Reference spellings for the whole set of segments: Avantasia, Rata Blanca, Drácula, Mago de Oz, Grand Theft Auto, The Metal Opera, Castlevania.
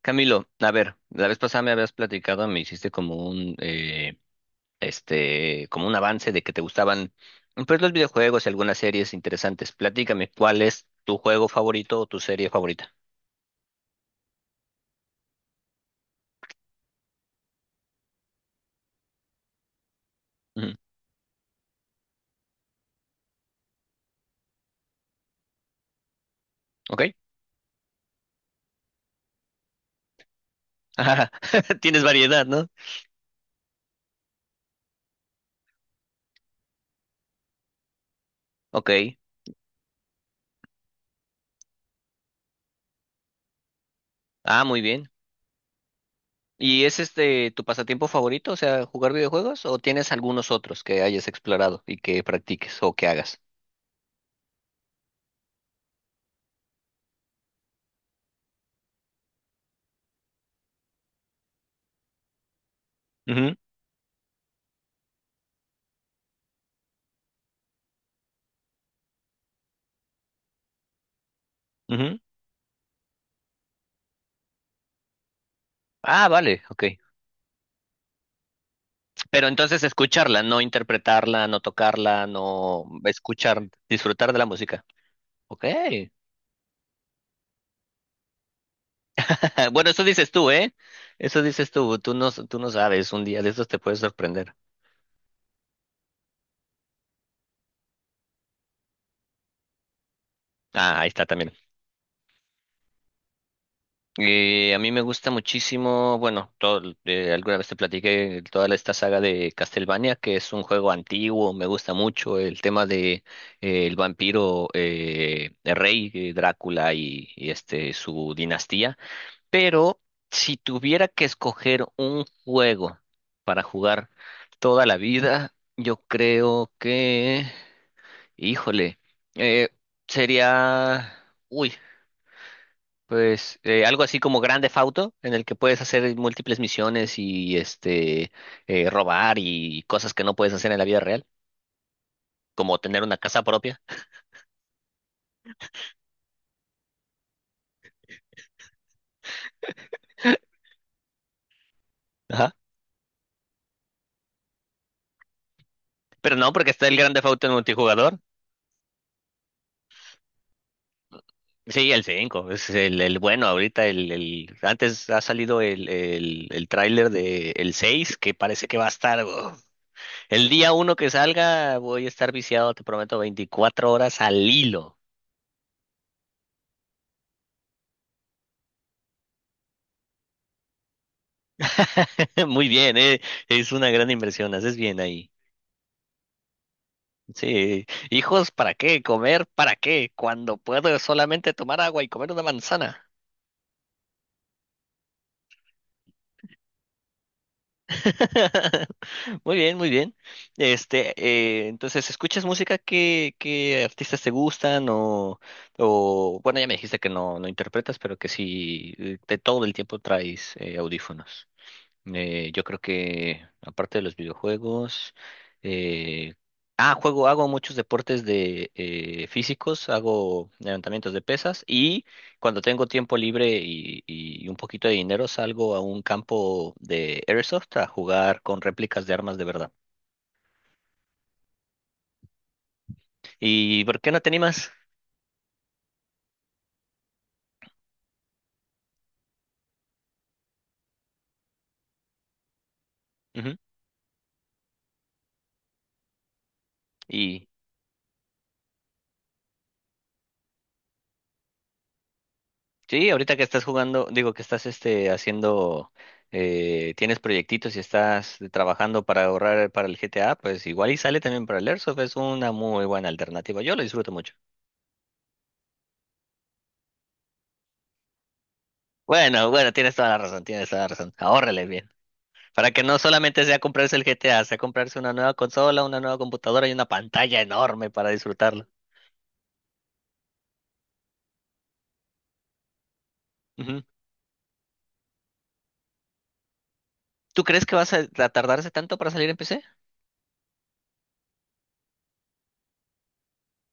Camilo, a ver, la vez pasada me habías platicado, me hiciste como un avance de que te gustaban, pues, los videojuegos y algunas series interesantes. Platícame, ¿cuál es tu juego favorito o tu serie favorita? Ujú. ¿Ok? Tienes variedad, ¿no? Ok. Ah, muy bien. ¿Y es este tu pasatiempo favorito, o sea, jugar videojuegos, o tienes algunos otros que hayas explorado y que practiques o que hagas? Ujú, ujú. Ah, vale, ok. Pero entonces escucharla, no interpretarla, no tocarla, no escuchar, disfrutar de la música. Ok. Bueno, eso dices tú, ¿eh? Eso dices tú. Tú no sabes. Un día de estos te puedes sorprender. Ah, ahí está también. A mí me gusta muchísimo, bueno, todo, alguna vez te platiqué esta saga de Castlevania, que es un juego antiguo, me gusta mucho el tema de el vampiro, el rey, Drácula, y este su dinastía. Pero si tuviera que escoger un juego para jugar toda la vida, yo creo que, híjole, eh, sería, uy, pues algo así como Grand Theft Auto, en el que puedes hacer múltiples misiones y este robar y cosas que no puedes hacer en la vida real, como tener una casa propia. Ajá. Pero no, porque está el Grand Theft Auto en multijugador. Sí, el 5 es el bueno ahorita, antes ha salido el tráiler de el 6, que parece que va a estar, uf. El día uno que salga voy a estar viciado, te prometo, 24 horas al hilo. Muy bien, es una gran inversión, haces bien ahí. Sí, hijos, ¿para qué? ¿Comer? ¿Para qué? Cuando puedo solamente tomar agua y comer una manzana. Muy bien, muy bien. Entonces, ¿escuchas música? ¿Qué artistas te gustan? Bueno, ya me dijiste que no, no interpretas, pero que sí, de todo el tiempo traes audífonos. Yo creo que aparte de los videojuegos, eh, hago muchos deportes de físicos, hago levantamientos de pesas y cuando tengo tiempo libre y un poquito de dinero salgo a un campo de airsoft a jugar con réplicas de armas de verdad. ¿Y por qué no te animas? Ujú. Sí, ahorita que estás jugando, digo que estás haciendo, tienes proyectitos y estás trabajando para ahorrar para el GTA, pues igual y sale también para el Airsoft, es una muy buena alternativa. Yo lo disfruto mucho. Bueno, bueno, tienes toda la razón, tienes toda la razón. Ahórrele bien. Para que no solamente sea comprarse el GTA, sea comprarse una nueva consola, una nueva computadora y una pantalla enorme para disfrutarlo. Ujú. ¿Tú crees que vas a tardarse tanto para salir en PC?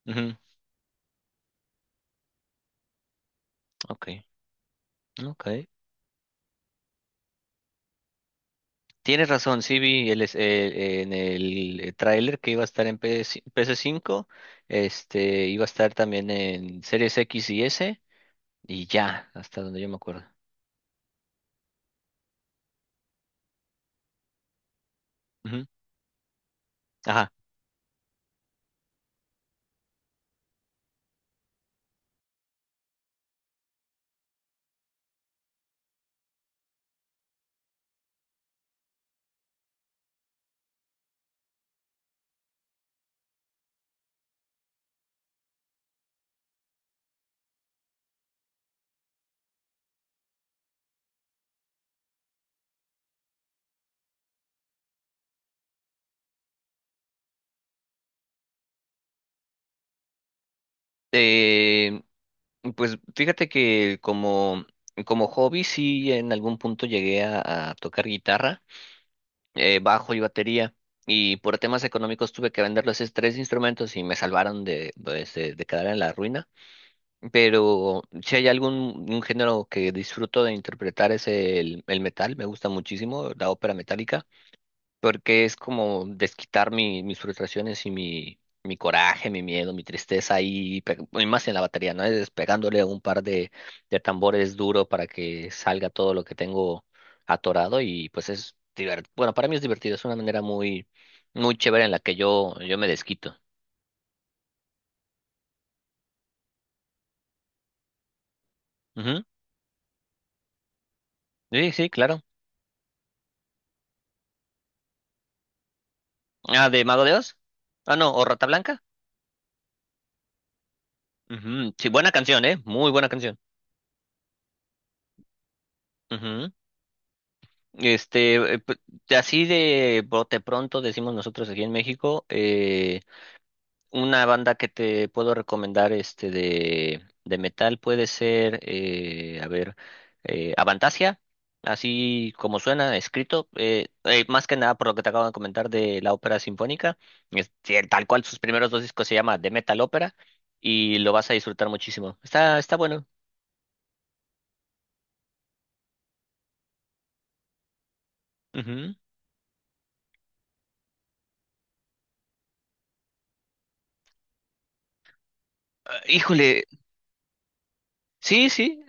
Ujú. Ok, ok. Tienes razón, sí vi en el tráiler que iba a estar en PS5 iba a estar también en Series X y S, y ya, hasta donde yo me acuerdo. Ujú. Ajá. Eh, pues fíjate que como hobby sí en algún punto llegué a tocar guitarra, bajo y batería, y por temas económicos tuve que vender los tres instrumentos y me salvaron de, pues, de quedar en la ruina. Pero si hay algún un género que disfruto de interpretar es el metal, me gusta muchísimo la ópera metálica, porque es como desquitar mis frustraciones y mi coraje, mi miedo, mi tristeza ahí, y más en la batería, ¿no? Es pegándole un par de tambores duro para que salga todo lo que tengo atorado y pues es divertido. Bueno, para mí es divertido, es una manera muy, muy chévere en la que yo me desquito. Ujú. Sí, sí, claro. Ah, ¿de Mago de Oz? Ah, no, o Rata Blanca. Ujú. Sí, buena canción, ¿eh? Muy buena canción. Ujú. Este, eh, p- de así de bote pronto decimos nosotros aquí en México, una banda que te puedo recomendar de metal puede ser, a ver, Avantasia, así como suena, escrito, más que nada por lo que te acabo de comentar de la ópera sinfónica, sí, tal cual sus primeros dos discos se llama The Metal Opera y lo vas a disfrutar muchísimo. Está bueno. Ujú. Ah, híjole. Sí, sí,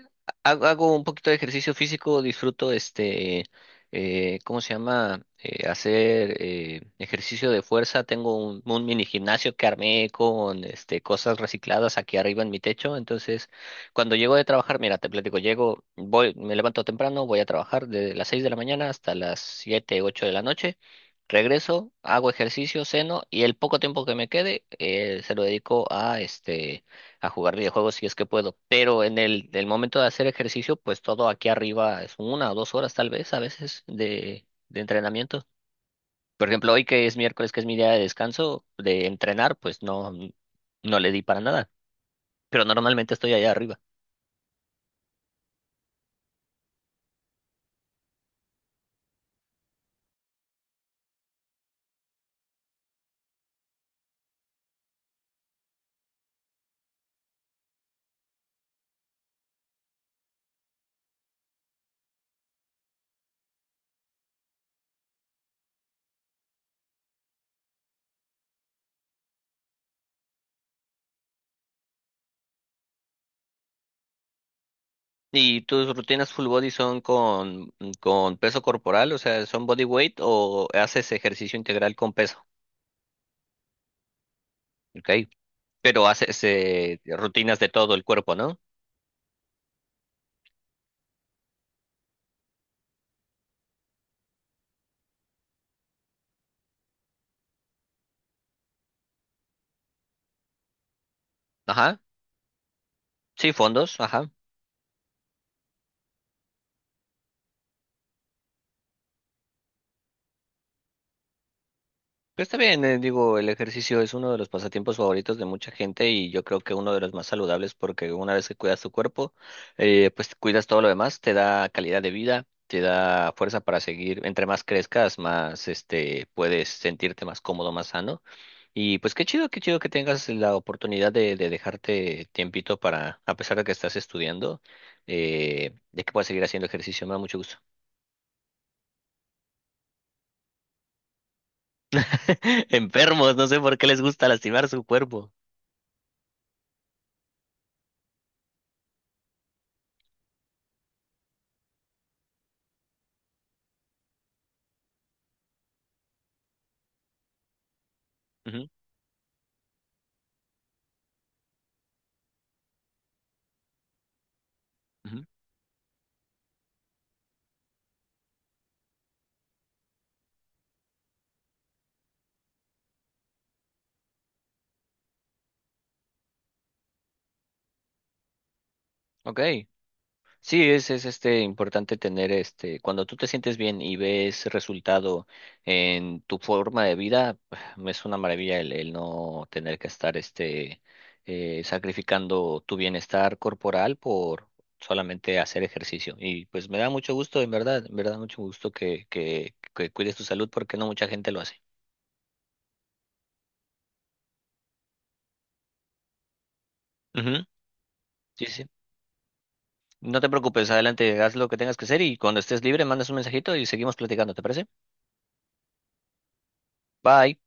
hago un poquito de ejercicio físico, disfruto ¿cómo se llama? Hacer ejercicio de fuerza. Tengo un mini gimnasio que armé con cosas recicladas aquí arriba en mi techo. Entonces, cuando llego de trabajar, mira, te platico, llego, voy, me levanto temprano, voy a trabajar de las 6 de la mañana hasta las 7, 8 de la noche. Regreso, hago ejercicio, ceno y el poco tiempo que me quede se lo dedico a jugar videojuegos si es que puedo, pero en el momento de hacer ejercicio, pues todo aquí arriba es una o 2 horas tal vez a veces de entrenamiento. Por ejemplo, hoy que es miércoles, que es mi día de descanso, de entrenar, pues no, no le di para nada, pero normalmente estoy allá arriba. ¿Y tus rutinas full body son con peso corporal, o sea, son body weight o haces ejercicio integral con peso? Ok, pero haces rutinas de todo el cuerpo, ¿no? Ajá, sí, fondos, ajá. Pues está bien, digo, el ejercicio es uno de los pasatiempos favoritos de mucha gente y yo creo que uno de los más saludables porque una vez que cuidas tu cuerpo, pues cuidas todo lo demás, te da calidad de vida, te da fuerza para seguir. Entre más crezcas, más puedes sentirte más cómodo, más sano. Y pues qué chido que tengas la oportunidad de dejarte tiempito para, a pesar de que estás estudiando, de que puedas seguir haciendo ejercicio. Me da mucho gusto. Enfermos, no sé por qué les gusta lastimar su cuerpo. Ujú, ujú. Ok. Sí, es importante tener cuando tú te sientes bien y ves resultado en tu forma de vida, es una maravilla el no tener que estar sacrificando tu bienestar corporal por solamente hacer ejercicio. Y pues me da mucho gusto, en verdad mucho gusto que cuides tu salud porque no mucha gente lo hace. Ujú. Sí, sí. No te preocupes, adelante, haz lo que tengas que hacer y cuando estés libre, mandas un mensajito y seguimos platicando, ¿te parece? Bye.